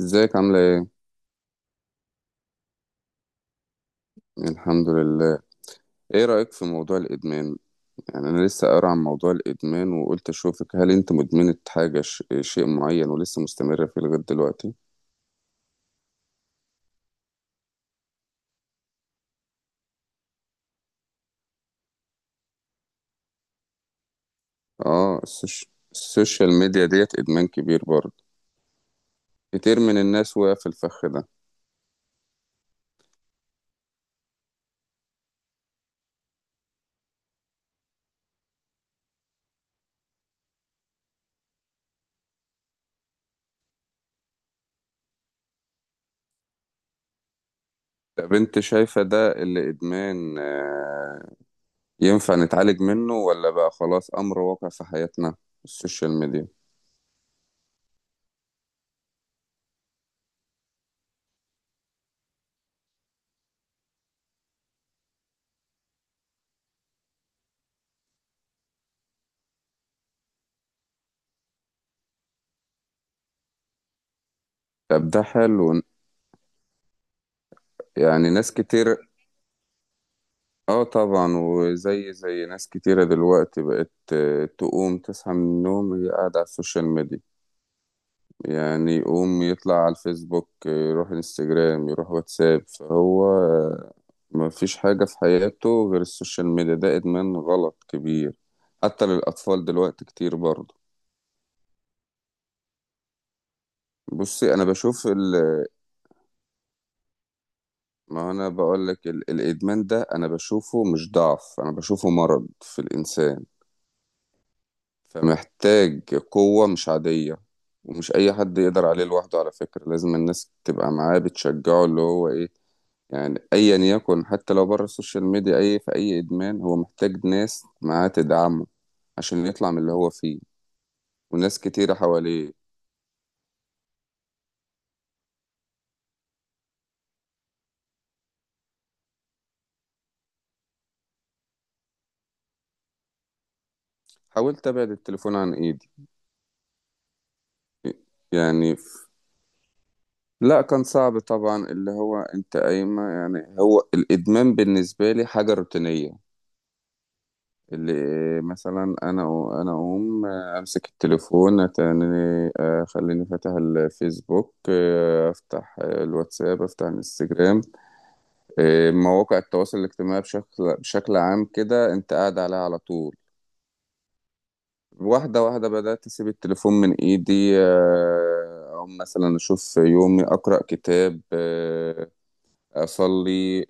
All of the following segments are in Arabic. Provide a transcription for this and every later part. ازيك عاملة ايه؟ الحمد لله. ايه رأيك في موضوع الإدمان؟ يعني أنا لسه قارئ عن موضوع الإدمان وقلت أشوفك، هل أنت مدمنة حاجة شيء معين ولسه مستمرة فيه لغاية دلوقتي؟ اه السوشيال ميديا ديت إدمان كبير برضه، كتير من الناس وقع في الفخ ده. طب أنت شايفة ده اللي إدمان، ينفع نتعالج منه ولا بقى خلاص أمر واقع في حياتنا السوشيال ميديا؟ طب ده حلو، يعني ناس كتير. اه طبعا، وزي ناس كتيرة دلوقتي بقت تقوم تصحى من النوم هي قاعدة على السوشيال ميديا. يعني يقوم يطلع على الفيسبوك، يروح انستجرام، يروح واتساب، فهو مفيش حاجة في حياته غير السوشيال ميديا. ده إدمان غلط كبير، حتى للأطفال دلوقتي كتير برضه. بصي أنا بشوف ما أنا بقولك، الإدمان ده أنا بشوفه مش ضعف، أنا بشوفه مرض في الإنسان، فمحتاج قوة مش عادية. ومش أي حد يقدر عليه لوحده، على فكرة لازم الناس تبقى معاه بتشجعه، اللي هو إيه يعني، أيا يكن. حتى لو بره السوشيال ميديا، أي في أي إدمان هو محتاج ناس معاه تدعمه عشان يطلع من اللي هو فيه، وناس كتيرة حواليه. حاولت أبعد التليفون عن إيدي، يعني ف- لا كان صعب طبعا. اللي هو أنت قايمة، يعني هو الإدمان بالنسبة لي حاجة روتينية، اللي مثلا انا اقوم امسك التليفون تاني، خليني فاتح الفيسبوك، افتح الواتساب، افتح الانستجرام، مواقع التواصل الاجتماعي بشكل عام كده انت قاعد عليها على طول. واحدة واحدة بدأت أسيب التليفون من إيدي، أو مثلا أشوف يومي، أقرأ كتاب، أصلي،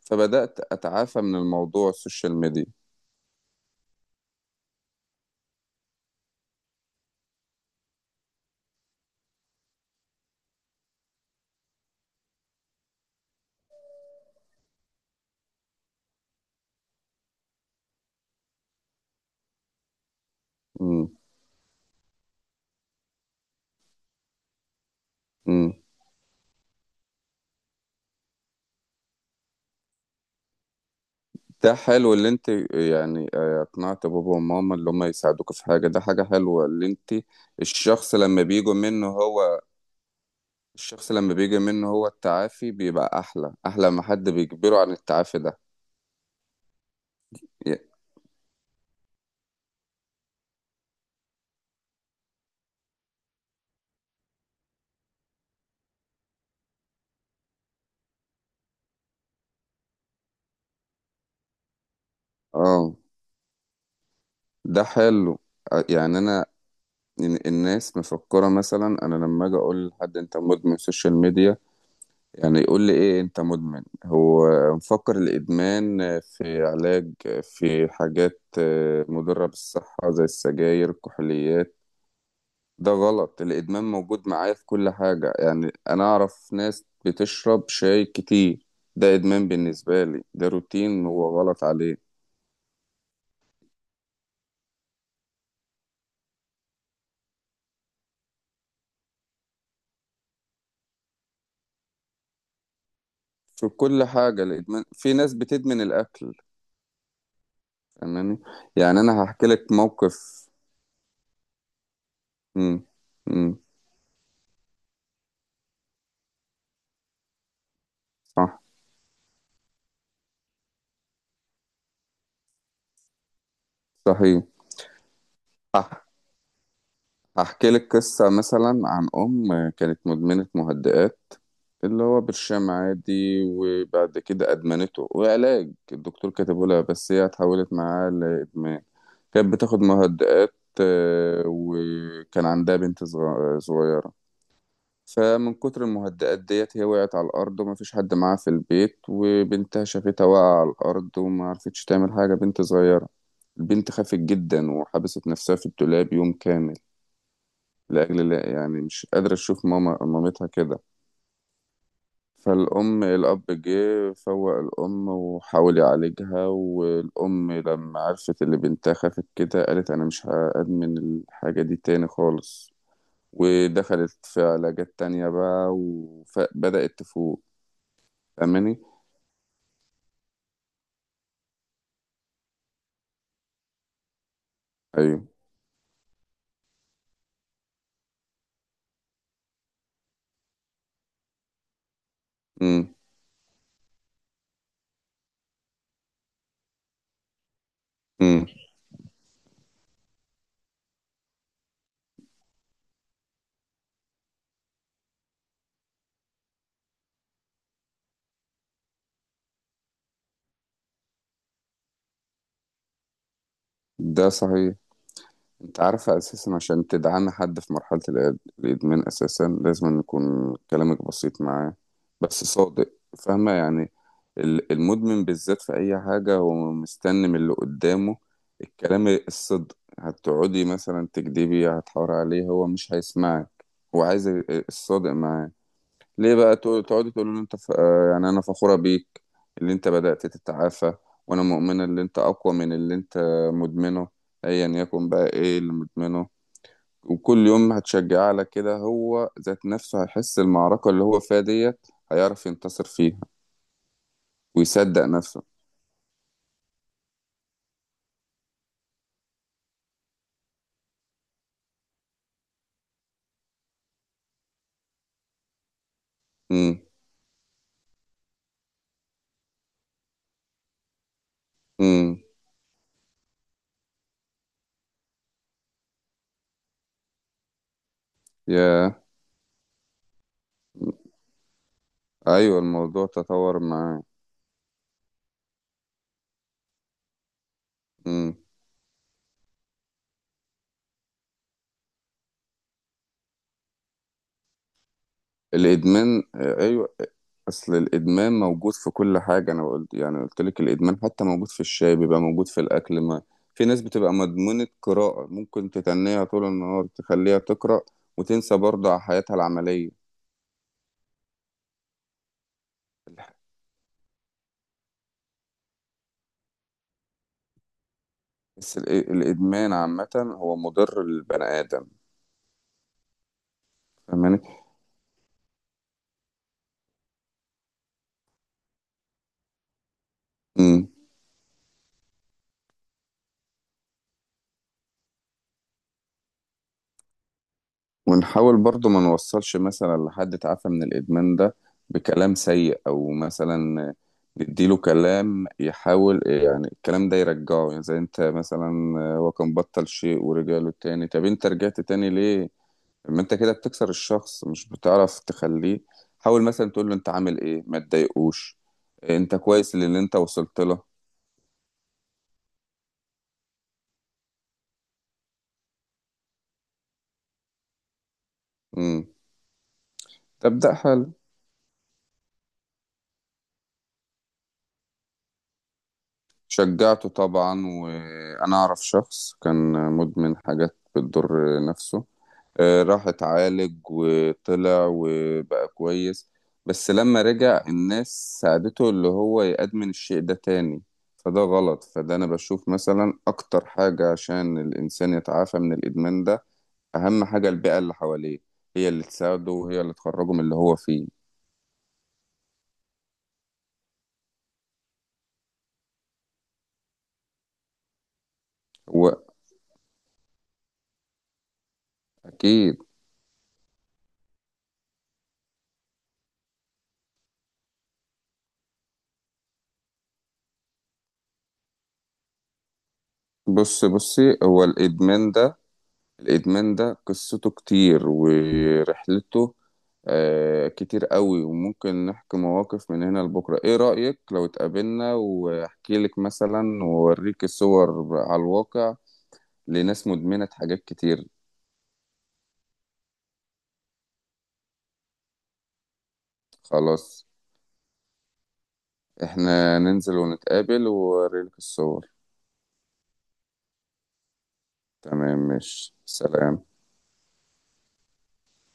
فبدأت أتعافى من الموضوع السوشيال ميديا. مم. ده حلو اللي انت يعني اقنعت بابا وماما اللي هم يساعدوك في حاجة، ده حاجة حلوة. اللي انت الشخص لما بيجوا منه هو الشخص لما بيجي منه هو، التعافي بيبقى احلى، احلى ما حد بيجبره عن التعافي ده. ي- اه، ده حلو. يعني انا الناس مفكرة، مثلا انا لما اجي اقول لحد انت مدمن سوشيال ميديا، يعني يقول لي ايه انت مدمن؟ هو مفكر الادمان في علاج، في حاجات مضرة بالصحة زي السجاير، الكحوليات. ده غلط، الادمان موجود معايا في كل حاجة. يعني انا اعرف ناس بتشرب شاي كتير، ده ادمان بالنسبة لي، ده روتين هو غلط عليه. في كل حاجة الادمان، في ناس بتدمن الاكل. فاهماني؟ يعني انا هحكي لك موقف. امم. امم. صح. صحيح. هحكي لك قصة مثلا عن أم كانت مدمنة مهدئات، اللي هو برشام عادي، وبعد كده أدمنته. وعلاج الدكتور كاتبه لها، بس هي اتحولت معاه لإدمان. كانت بتاخد مهدئات، وكان عندها صغيرة. فمن كتر المهدئات ديت هي وقعت على الأرض، ومفيش حد معاها في البيت، وبنتها شافتها واقعة على الأرض وما عرفتش تعمل حاجة، بنت صغيرة. البنت خافت جدا وحبست نفسها في الدولاب يوم كامل. لأجل الله، يعني مش قادرة أشوف مامتها كده. فالأم، الأب جه فوق الأم وحاول يعالجها، والأم لما عرفت اللي بنتها خافت كده قالت أنا مش هأدمن الحاجة دي تاني خالص. ودخلت في علاجات تانية بقى وبدأت تفوق. فاهماني؟ أيوه. أمم. أمم. ده صحيح. انت عارفة اساسا عشان تدعم حد في مرحلة الادمان، اساسا لازم أن يكون كلامك بسيط معاه بس صادق. فاهمة يعني، المدمن بالذات في اي حاجة هو مستني من اللي قدامه الكلام الصدق. هتقعدي مثلا تكدبي، هتحاور عليه، هو مش هيسمعك. هو عايز الصادق معاه. ليه بقى تقعدي تقولوا ان انت ف... آه، يعني انا فخورة بيك اللي انت بدأت تتعافى، وانا مؤمنة اللي انت اقوى من اللي انت مدمنه، ايا يكن بقى ايه اللي مدمنه. وكل يوم هتشجعيه على كده، هو ذات نفسه هيحس المعركة اللي هو فيها ديت هيعرف ينتصر فيها ويصدق نفسه. امم. امم. يا ايوه، الموضوع تطور معاه. امم. الادمان، ايوه. اصل الادمان موجود في كل حاجه، انا قلت يعني قلت لك الادمان حتى موجود في الشاي، بيبقى موجود في الاكل. ما في ناس بتبقى مدمنه قراءه، ممكن تتنيها طول النهار تخليها تقرا وتنسى برضه على حياتها العمليه. بس الإ- الادمان عامه هو مضر للبني ادم. فاهماني؟ ونحاول برضو ما نوصلش مثلا لحد تعافى من الإدمان ده بكلام سيء، أو مثلا نديله كلام يحاول يعني الكلام ده يرجعه. يعني زي انت مثلا، هو كان بطل شيء ورجع له تاني، طب انت رجعت تاني ليه؟ ما انت كده بتكسر الشخص، مش بتعرف تخليه. حاول مثلا تقول له انت عامل ايه، ما تضايقوش، انت كويس للي انت وصلت له. امم. تبدأ حل. شجعته طبعا، وانا اعرف شخص كان مدمن حاجات بتضر نفسه، راح اتعالج وطلع وبقى كويس. بس لما رجع الناس ساعدته اللي هو يأدمن الشيء ده تاني، فده غلط. فده أنا بشوف مثلا أكتر حاجة عشان الإنسان يتعافى من الإدمان ده، أهم حاجة البيئة اللي حواليه، هي اللي تساعده وهي اللي تخرجه من اللي هو فيه. وأكيد. بصي هو الإدمان ده، الإدمان ده قصته كتير ورحلته، كتير قوي، وممكن نحكي مواقف من هنا لبكرة. ايه رأيك لو اتقابلنا واحكي لك مثلا واوريك الصور على الواقع لناس مدمنة حاجات كتير. خلاص، احنا ننزل ونتقابل واوريلك الصور. تمام، مش سلام.